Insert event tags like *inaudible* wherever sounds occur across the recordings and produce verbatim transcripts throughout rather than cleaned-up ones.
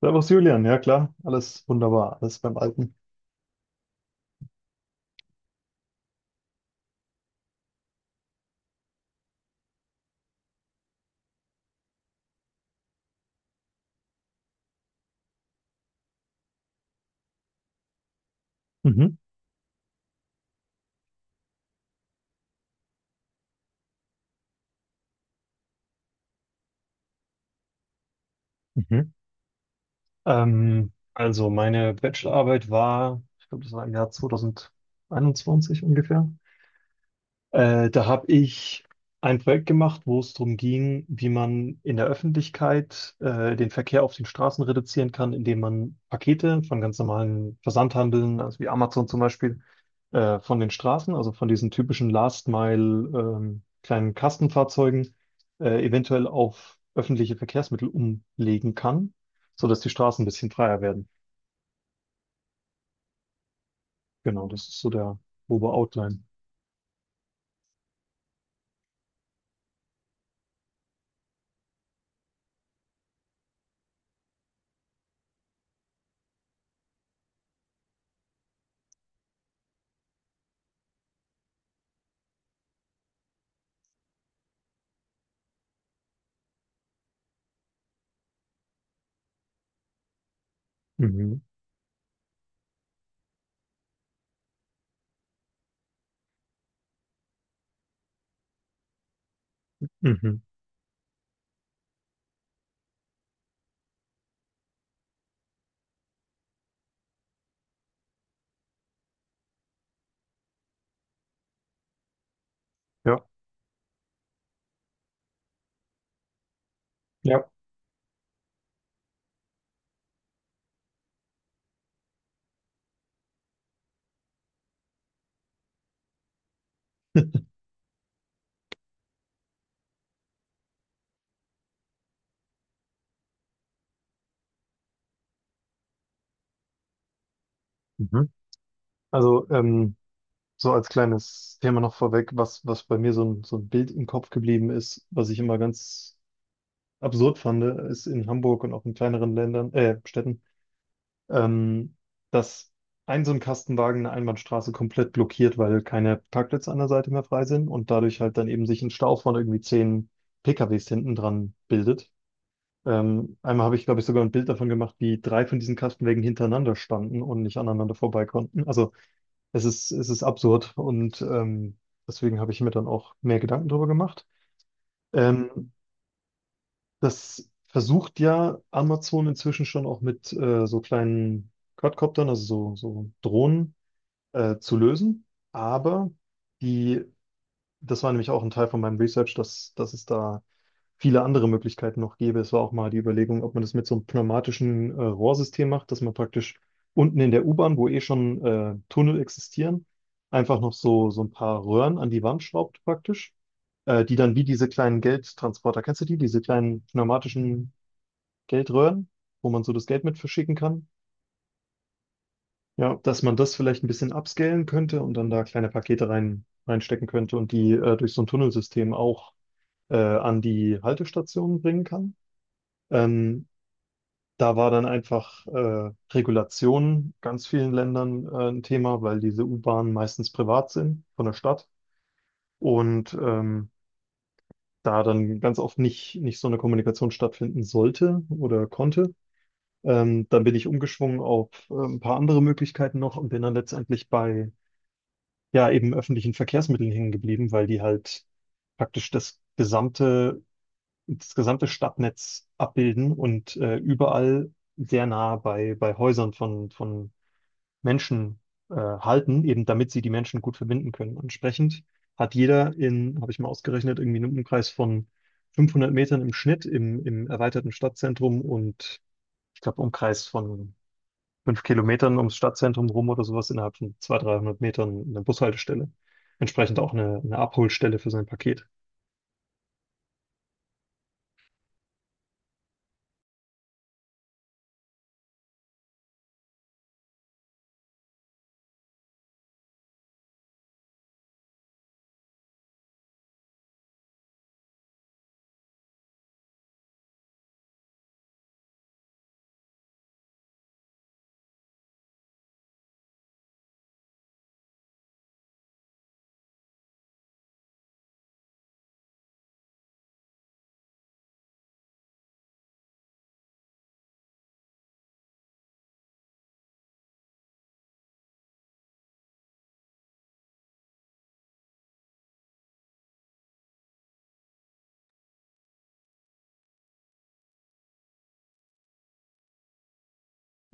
Servus Julian, ja klar, alles wunderbar, alles beim Alten. Mhm. Mhm. Ähm, also meine Bachelorarbeit war, ich glaube, das war im Jahr zwanzig einundzwanzig ungefähr. Äh, da habe ich ein Projekt gemacht, wo es darum ging, wie man in der Öffentlichkeit äh, den Verkehr auf den Straßen reduzieren kann, indem man Pakete von ganz normalen Versandhandeln, also wie Amazon zum Beispiel, äh, von den Straßen, also von diesen typischen Last Mile ähm, kleinen Kastenfahrzeugen, äh, eventuell auf öffentliche Verkehrsmittel umlegen kann, sodass die Straßen ein bisschen freier werden. Genau, das ist so der grobe Outline. Mhm. Mhm. Ja. Ja. *laughs* Mhm. Also, ähm, so als kleines Thema noch vorweg, was, was bei mir so ein, so ein Bild im Kopf geblieben ist, was ich immer ganz absurd fand, ist in Hamburg und auch in kleineren Ländern, äh, Städten, ähm, dass ein so ein Kastenwagen eine Einbahnstraße komplett blockiert, weil keine Parkplätze an der Seite mehr frei sind und dadurch halt dann eben sich ein Stau von irgendwie zehn P K Ws hinten dran bildet. Ähm, einmal habe ich, glaube ich, sogar ein Bild davon gemacht, wie drei von diesen Kastenwagen hintereinander standen und nicht aneinander vorbei konnten. Also es ist, es ist absurd und ähm, deswegen habe ich mir dann auch mehr Gedanken darüber gemacht. Ähm, das versucht ja Amazon inzwischen schon auch mit äh, so kleinen Quadcoptern, also so, so Drohnen, äh, zu lösen. Aber die, das war nämlich auch ein Teil von meinem Research, dass, dass es da viele andere Möglichkeiten noch gäbe. Es war auch mal die Überlegung, ob man das mit so einem pneumatischen äh, Rohrsystem macht, dass man praktisch unten in der U-Bahn, wo eh schon äh, Tunnel existieren, einfach noch so, so ein paar Röhren an die Wand schraubt praktisch, äh, die dann wie diese kleinen Geldtransporter, kennst du die, diese kleinen pneumatischen Geldröhren, wo man so das Geld mit verschicken kann? Ja, dass man das vielleicht ein bisschen upscalen könnte und dann da kleine Pakete rein, reinstecken könnte und die äh, durch so ein Tunnelsystem auch äh, an die Haltestationen bringen kann. Ähm, Da war dann einfach äh, Regulation ganz vielen Ländern äh, ein Thema, weil diese U-Bahnen meistens privat sind von der Stadt und ähm, da dann ganz oft nicht, nicht so eine Kommunikation stattfinden sollte oder konnte. Ähm, dann bin ich umgeschwungen auf äh, ein paar andere Möglichkeiten noch und bin dann letztendlich bei ja eben öffentlichen Verkehrsmitteln hängen geblieben, weil die halt praktisch das gesamte, das gesamte Stadtnetz abbilden und äh, überall sehr nah bei, bei Häusern von, von Menschen äh, halten, eben damit sie die Menschen gut verbinden können. Entsprechend hat jeder in, habe ich mal ausgerechnet, irgendwie einen Umkreis von fünfhundert Metern im Schnitt im, im erweiterten Stadtzentrum und ich glaube Umkreis von fünf Kilometern ums Stadtzentrum rum oder sowas innerhalb von zweihundert, dreihundert Metern eine Bushaltestelle. Entsprechend auch eine, eine Abholstelle für sein Paket.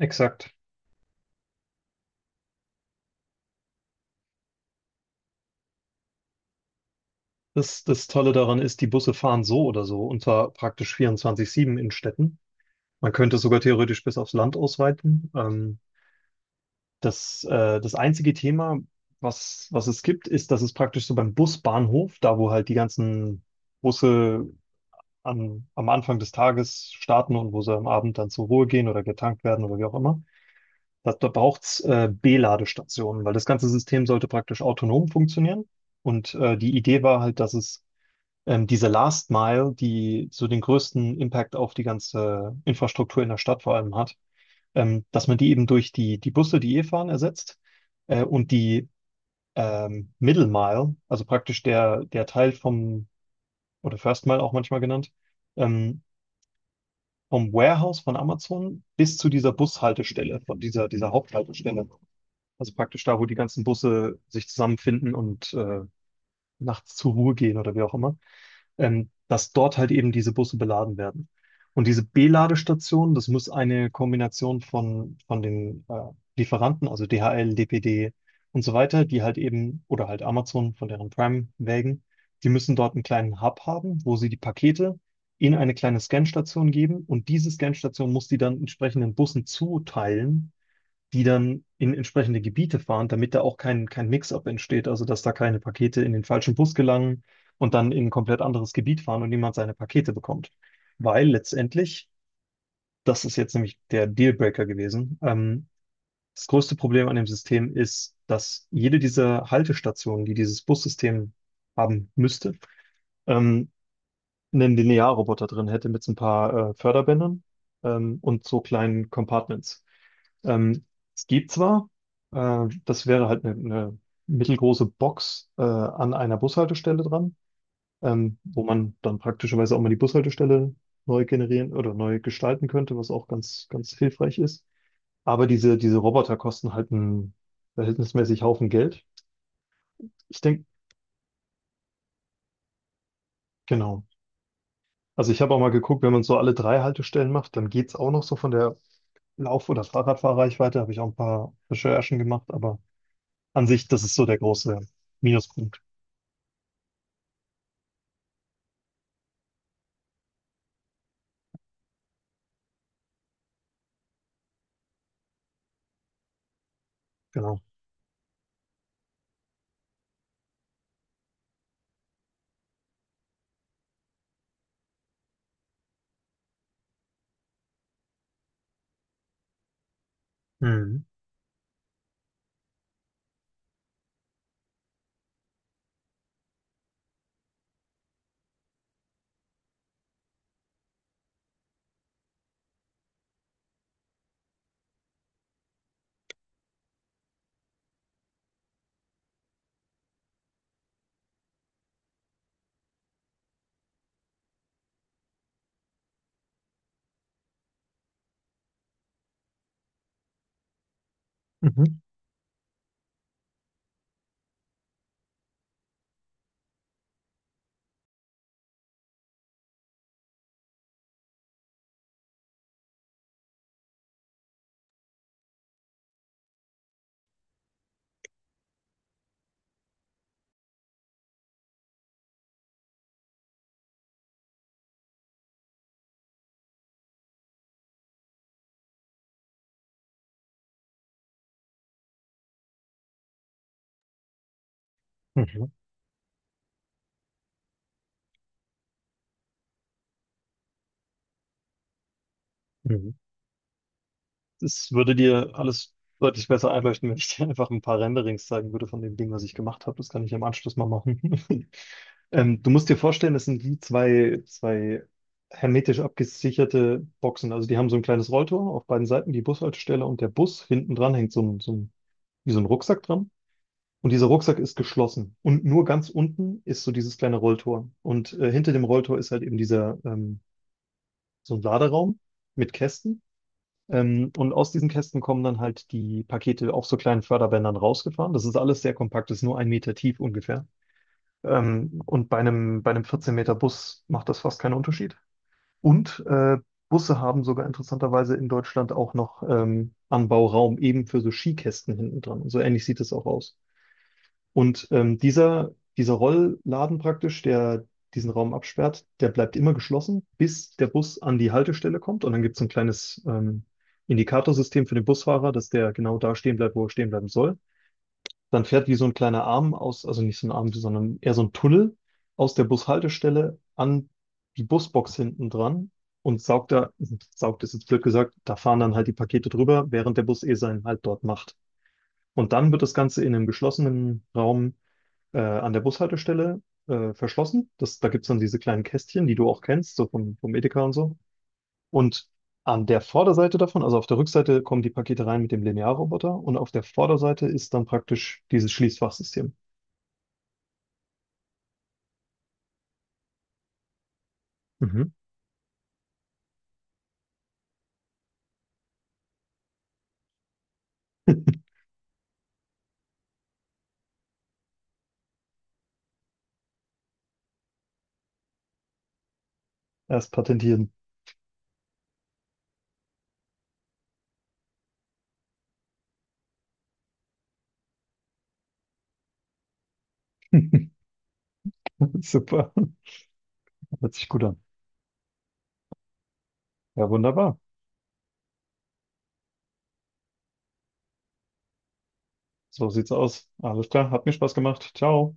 Exakt. Das, das Tolle daran ist, die Busse fahren so oder so und zwar praktisch vierundzwanzig sieben in Städten. Man könnte es sogar theoretisch bis aufs Land ausweiten. Ähm, Das, äh, das einzige Thema, was, was es gibt, ist, dass es praktisch so beim Busbahnhof, da wo halt die ganzen Busse am, am Anfang des Tages starten und wo sie am Abend dann zur Ruhe gehen oder getankt werden oder wie auch immer, da, da braucht's äh, B-Ladestationen, weil das ganze System sollte praktisch autonom funktionieren. Und äh, die Idee war halt, dass es ähm, diese Last Mile, die so den größten Impact auf die ganze Infrastruktur in der Stadt vor allem hat, ähm, dass man die eben durch die, die Busse, die eh fahren, ersetzt äh, und die ähm, Middle Mile, also praktisch der, der Teil vom, oder First Mile auch manchmal genannt, ähm, vom Warehouse von Amazon bis zu dieser Bushaltestelle, von dieser, dieser Haupthaltestelle. Also praktisch da, wo die ganzen Busse sich zusammenfinden und äh, nachts zur Ruhe gehen oder wie auch immer, ähm, dass dort halt eben diese Busse beladen werden. Und diese B-Ladestationen, das muss eine Kombination von, von den äh, Lieferanten, also D H L, D P D und so weiter, die halt eben, oder halt Amazon von deren Prime-Wägen, die müssen dort einen kleinen Hub haben, wo sie die Pakete in eine kleine Scanstation geben und diese Scanstation muss die dann entsprechenden Bussen zuteilen, die dann in entsprechende Gebiete fahren, damit da auch kein, kein Mix-up entsteht, also dass da keine Pakete in den falschen Bus gelangen und dann in ein komplett anderes Gebiet fahren und niemand seine Pakete bekommt. Weil letztendlich, das ist jetzt nämlich der Dealbreaker gewesen, ähm, das größte Problem an dem System ist, dass jede dieser Haltestationen, die dieses Bussystem haben müsste, ähm, einen Linearroboter drin hätte mit so ein paar äh, Förderbändern ähm, und so kleinen Compartments. Ähm, es gibt zwar, äh, das wäre halt eine, eine mittelgroße Box äh, an einer Bushaltestelle dran, ähm, wo man dann praktischerweise auch mal die Bushaltestelle neu generieren oder neu gestalten könnte, was auch ganz, ganz hilfreich ist. Aber diese, diese Roboter kosten halt einen verhältnismäßig Haufen Geld. Ich denke, genau. Also ich habe auch mal geguckt, wenn man so alle drei Haltestellen macht, dann geht's auch noch so von der Lauf- oder Fahrradfahrreichweite habe ich auch ein paar Recherchen gemacht, aber an sich, das ist so der große Minuspunkt. Genau. Mhm. Mhm. Mhm. Mhm. Das würde dir alles deutlich besser einleuchten, wenn ich dir einfach ein paar Renderings zeigen würde von dem Ding, was ich gemacht habe. Das kann ich im Anschluss mal machen. *laughs* Ähm, du musst dir vorstellen, das sind wie zwei, zwei hermetisch abgesicherte Boxen. Also die haben so ein kleines Rolltor auf beiden Seiten, die Bushaltestelle und der Bus hinten dran hängt so ein, so ein, wie so ein Rucksack dran. Und dieser Rucksack ist geschlossen. Und nur ganz unten ist so dieses kleine Rolltor. Und äh, hinter dem Rolltor ist halt eben dieser, ähm, so ein Laderaum mit Kästen. Ähm, und aus diesen Kästen kommen dann halt die Pakete auf so kleinen Förderbändern rausgefahren. Das ist alles sehr kompakt, das ist nur ein Meter tief ungefähr. Ähm, und bei einem, bei einem vierzehn Meter Bus macht das fast keinen Unterschied. Und äh, Busse haben sogar interessanterweise in Deutschland auch noch ähm, Anbauraum eben für so Skikästen hinten dran. Und so ähnlich sieht es auch aus. Und ähm, dieser, dieser Rollladen praktisch, der diesen Raum absperrt, der bleibt immer geschlossen, bis der Bus an die Haltestelle kommt. Und dann gibt es ein kleines ähm, Indikatorsystem für den Busfahrer, dass der genau da stehen bleibt, wo er stehen bleiben soll. Dann fährt wie so ein kleiner Arm aus, also nicht so ein Arm, sondern eher so ein Tunnel aus der Bushaltestelle an die Busbox hinten dran und saugt da, *laughs* saugt ist jetzt blöd gesagt, da fahren dann halt die Pakete drüber, während der Bus eh seinen Halt dort macht. Und dann wird das Ganze in einem geschlossenen Raum äh, an der Bushaltestelle äh, verschlossen. Das, da gibt es dann diese kleinen Kästchen, die du auch kennst, so vom, vom Edeka und so. Und an der Vorderseite davon, also auf der Rückseite, kommen die Pakete rein mit dem Linearroboter und auf der Vorderseite ist dann praktisch dieses Schließfachsystem. Mhm. Erst patentieren. *laughs* Super. Hört sich gut an. Ja, wunderbar. So sieht's aus. Alles klar. Hat mir Spaß gemacht. Ciao.